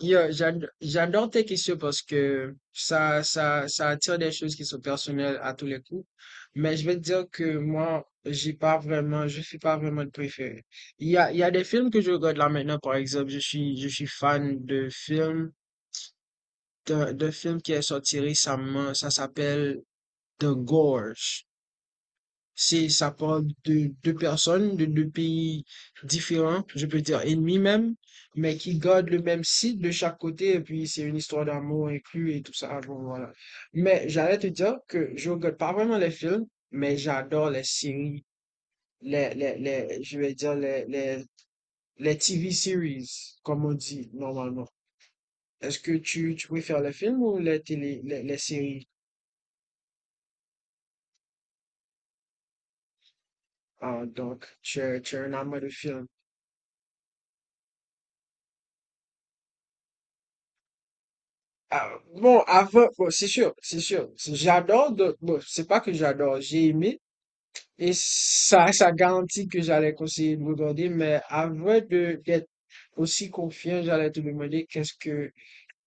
Yo, j'adore tes questions parce que ça attire des choses qui sont personnelles à tous les coups. Mais je vais te dire que moi, j'ai pas vraiment, je suis pas vraiment de préféré. Il y a des films que je regarde là maintenant, par exemple, je suis fan de films, d'un film qui est sorti récemment, ça s'appelle The Gorge. Si ça parle de deux personnes, de deux pays différents, je peux dire ennemis même, mais qui gardent le même site de chaque côté, et puis c'est une histoire d'amour inclus et tout ça. Bon, voilà. Mais j'allais te dire que je regarde pas vraiment les films, mais j'adore les séries, je vais dire les TV series, comme on dit normalement. Est-ce que tu préfères les films ou les séries? Ah, donc, tu es un amant de films. Ah, bon, avant, bon, c'est sûr, c'est sûr. Bon, c'est pas que j'adore, j'ai aimé. Et ça garantit que j'allais conseiller de regarder, mais d'être aussi confiant, j'allais te demander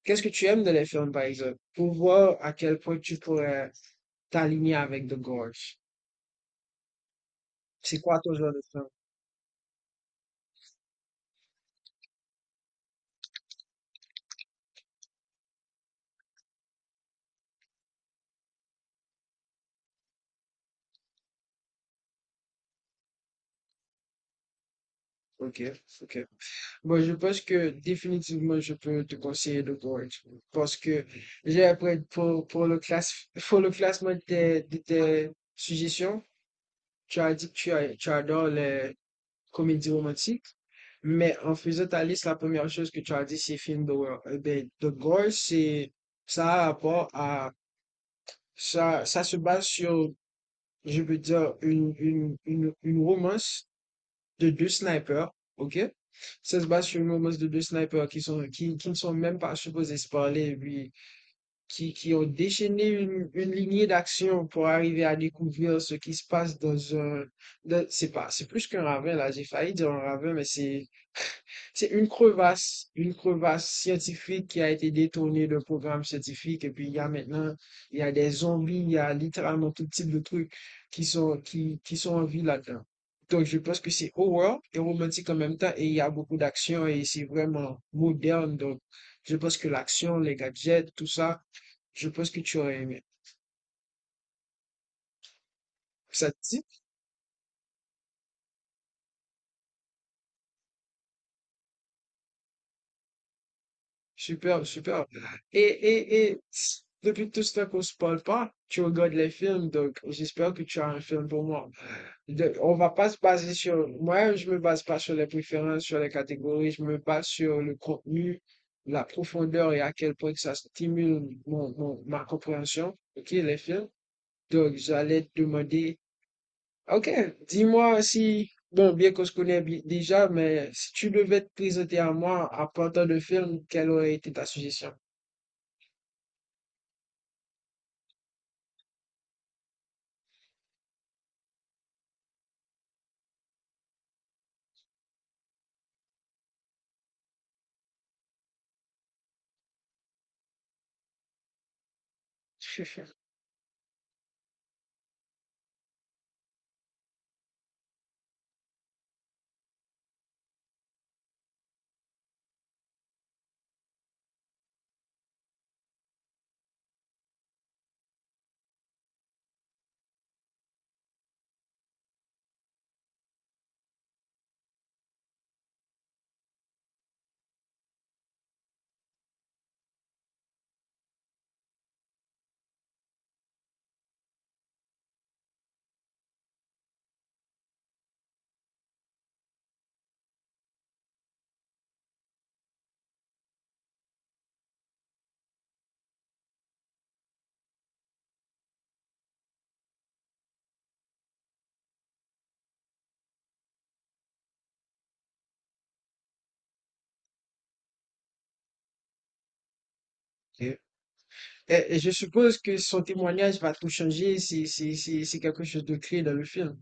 qu'est-ce que tu aimes dans les films, par exemple, pour voir à quel point tu pourrais t'aligner avec The Gorge. C'est quoi ton genre de film? Ok, ok. Bon, je pense que définitivement, je peux te conseiller le Gold*, parce que j'ai appris pour pour le classement de de tes suggestions. Tu as dit que tu adores les comédies romantiques, mais en faisant ta liste, la première chose que tu as dit, c'est film d'horreur. Eh ben, The Gold*. C'est, ça a rapport à, ça se base sur, je veux dire, une romance de deux snipers, ok? Ça se base sur une romance de deux snipers qui ne sont même pas supposés se parler, puis qui ont déchaîné une lignée d'action pour arriver à découvrir ce qui se passe dans c'est pas, c'est plus qu'un ravin, là, j'ai failli dire un ravin, mais c'est une crevasse scientifique qui a été détournée d'un programme scientifique. Et puis, il y a maintenant, il y a des zombies, il y a littéralement tout type de trucs qui sont en vie là-dedans. Donc, je pense que c'est horreur et romantique en même temps. Et il y a beaucoup d'action et c'est vraiment moderne. Donc, je pense que l'action, les gadgets, tout ça, je pense que tu aurais aimé. Ça te dit? Super, super. Et depuis tout ce temps qu'on se parle pas, tu regardes les films. Donc, j'espère que tu as un film pour moi. De- on va pas se baser sur, moi, je me base pas sur les préférences, sur les catégories, je me base sur le contenu, la profondeur et à quel point que ça stimule ma compréhension, ok, les films. Donc, j'allais te demander. Ok, dis-moi si, bon, bien qu'on se connaît bi- déjà, mais si tu devais te présenter à moi à partir de film, quelle aurait été ta suggestion? Ok. Et je suppose que son témoignage va tout changer, c'est quelque chose de clé dans le film.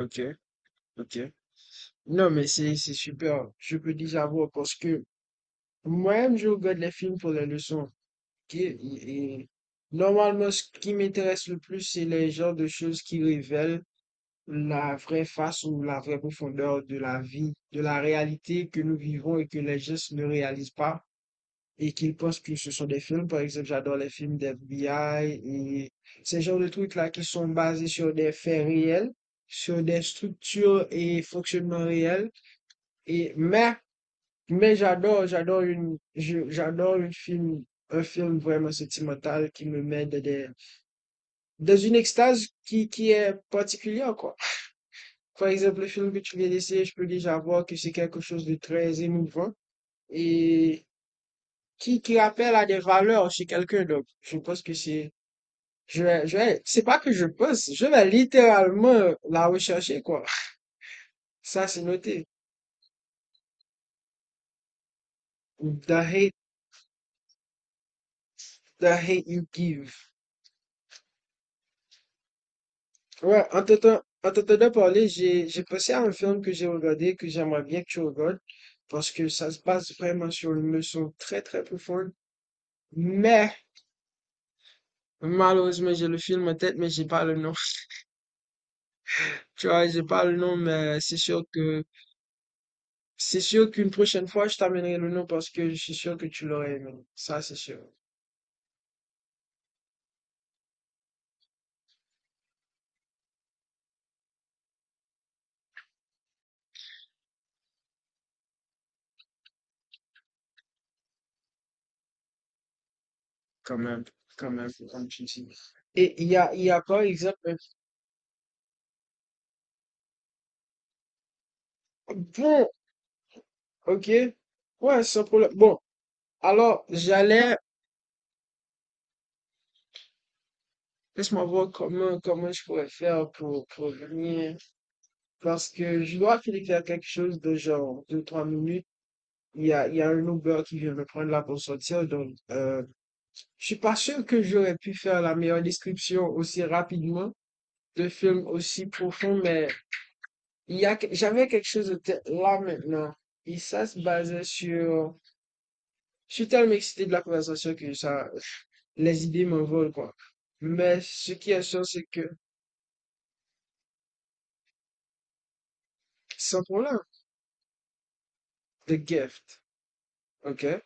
Ok, ok. Non, mais c'est super. Je peux déjà voir parce que moi-même, je regarde les films pour les leçons. Ok? Et normalement, ce qui m'intéresse le plus, c'est les genres de choses qui révèlent la vraie face ou la vraie profondeur de la vie, de la réalité que nous vivons et que les gestes ne réalisent pas et qu'ils pensent que ce sont des films. Par exemple, j'adore les films d'FBI et ces genres de trucs-là qui sont basés sur des faits réels, sur des structures et fonctionnements réels. Et, mais, mais j'adore une film, un film vraiment sentimental qui me met dans dans une extase qui est particulière, quoi. Par exemple, le film que tu viens d'essayer, je peux déjà voir que c'est quelque chose de très émouvant et qui rappelle à des valeurs chez quelqu'un. Donc, je pense que c'est, c'est pas que je pense, je vais littéralement la rechercher, quoi. Ça, c'est noté. The Hate, The Hate You Give. Ouais, en t'entendant parler, j'ai pensé à un film que j'ai regardé, que j'aimerais bien que tu regardes, parce que ça se passe vraiment sur une leçon très, très profonde. Mais, malheureusement, j'ai le film en tête, mais j'ai pas le nom. Tu vois, j'ai pas le nom, mais c'est sûr qu'une prochaine fois, je t'amènerai le nom parce que je suis sûr que tu l'aurais aimé. Ça, c'est sûr. Quand même, quand même, comme tu dis. Et il y a par exemple, un- bon, ok, ouais, sans problème. Bon, alors, j'allais, laisse-moi voir comment je pourrais faire pour venir parce que je dois filer faire quelque chose de genre deux trois minutes. Il y a un Uber qui vient me prendre là pour sortir, donc, je suis pas sûr que j'aurais pu faire la meilleure description aussi rapidement de film aussi profond, mais il y a, que- j'avais quelque chose de tel- là maintenant. Et ça se basait sur, je suis tellement excité de la conversation que ça, les idées m'envolent, quoi. Mais ce qui est sûr, c'est que, sans problème, The Gift, ok?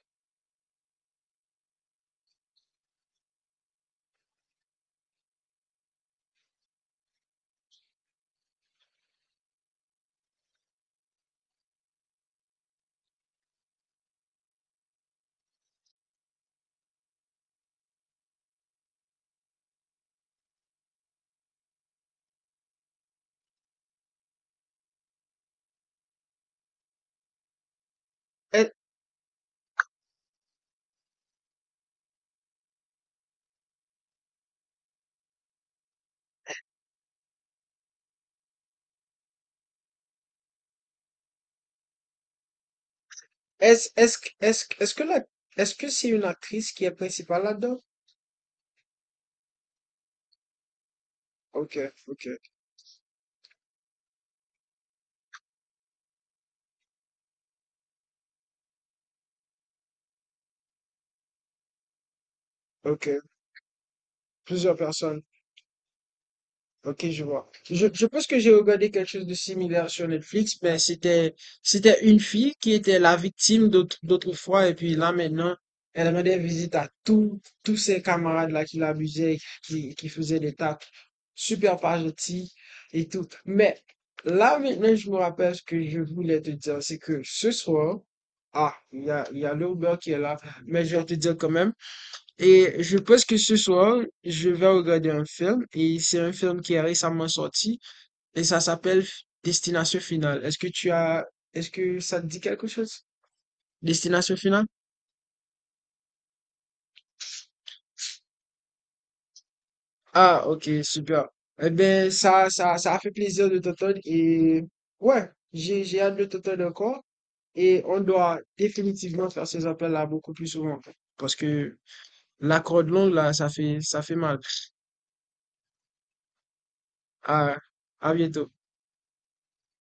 Est- est-ce que est-ce que c'est une actrice qui est principale là-dedans? Ok, ok, ok. Plusieurs personnes. Ok, je vois. Je pense que j'ai regardé quelque chose de similaire sur Netflix, mais c'était une fille qui était la victime d'autrefois, et puis là maintenant, elle rendait visite à tous ses camarades là qui l'abusaient, qui faisaient des tacles super pas gentils et tout. Mais là maintenant, je me rappelle ce que je voulais te dire, c'est que ce soir, ah, il y a l'Uber qui est là, mais je vais te dire quand même. Et je pense que ce soir, je vais regarder un film et c'est un film qui est récemment sorti et ça s'appelle Destination Finale. Est-ce que ça te dit quelque chose? Destination Finale? Ah, ok, super. Eh ben, ça a fait plaisir de t'entendre et ouais, j'ai hâte de t'entendre encore et on doit définitivement faire ces appels-là beaucoup plus souvent parce que la corde longue là, ça fait mal. À, à bientôt.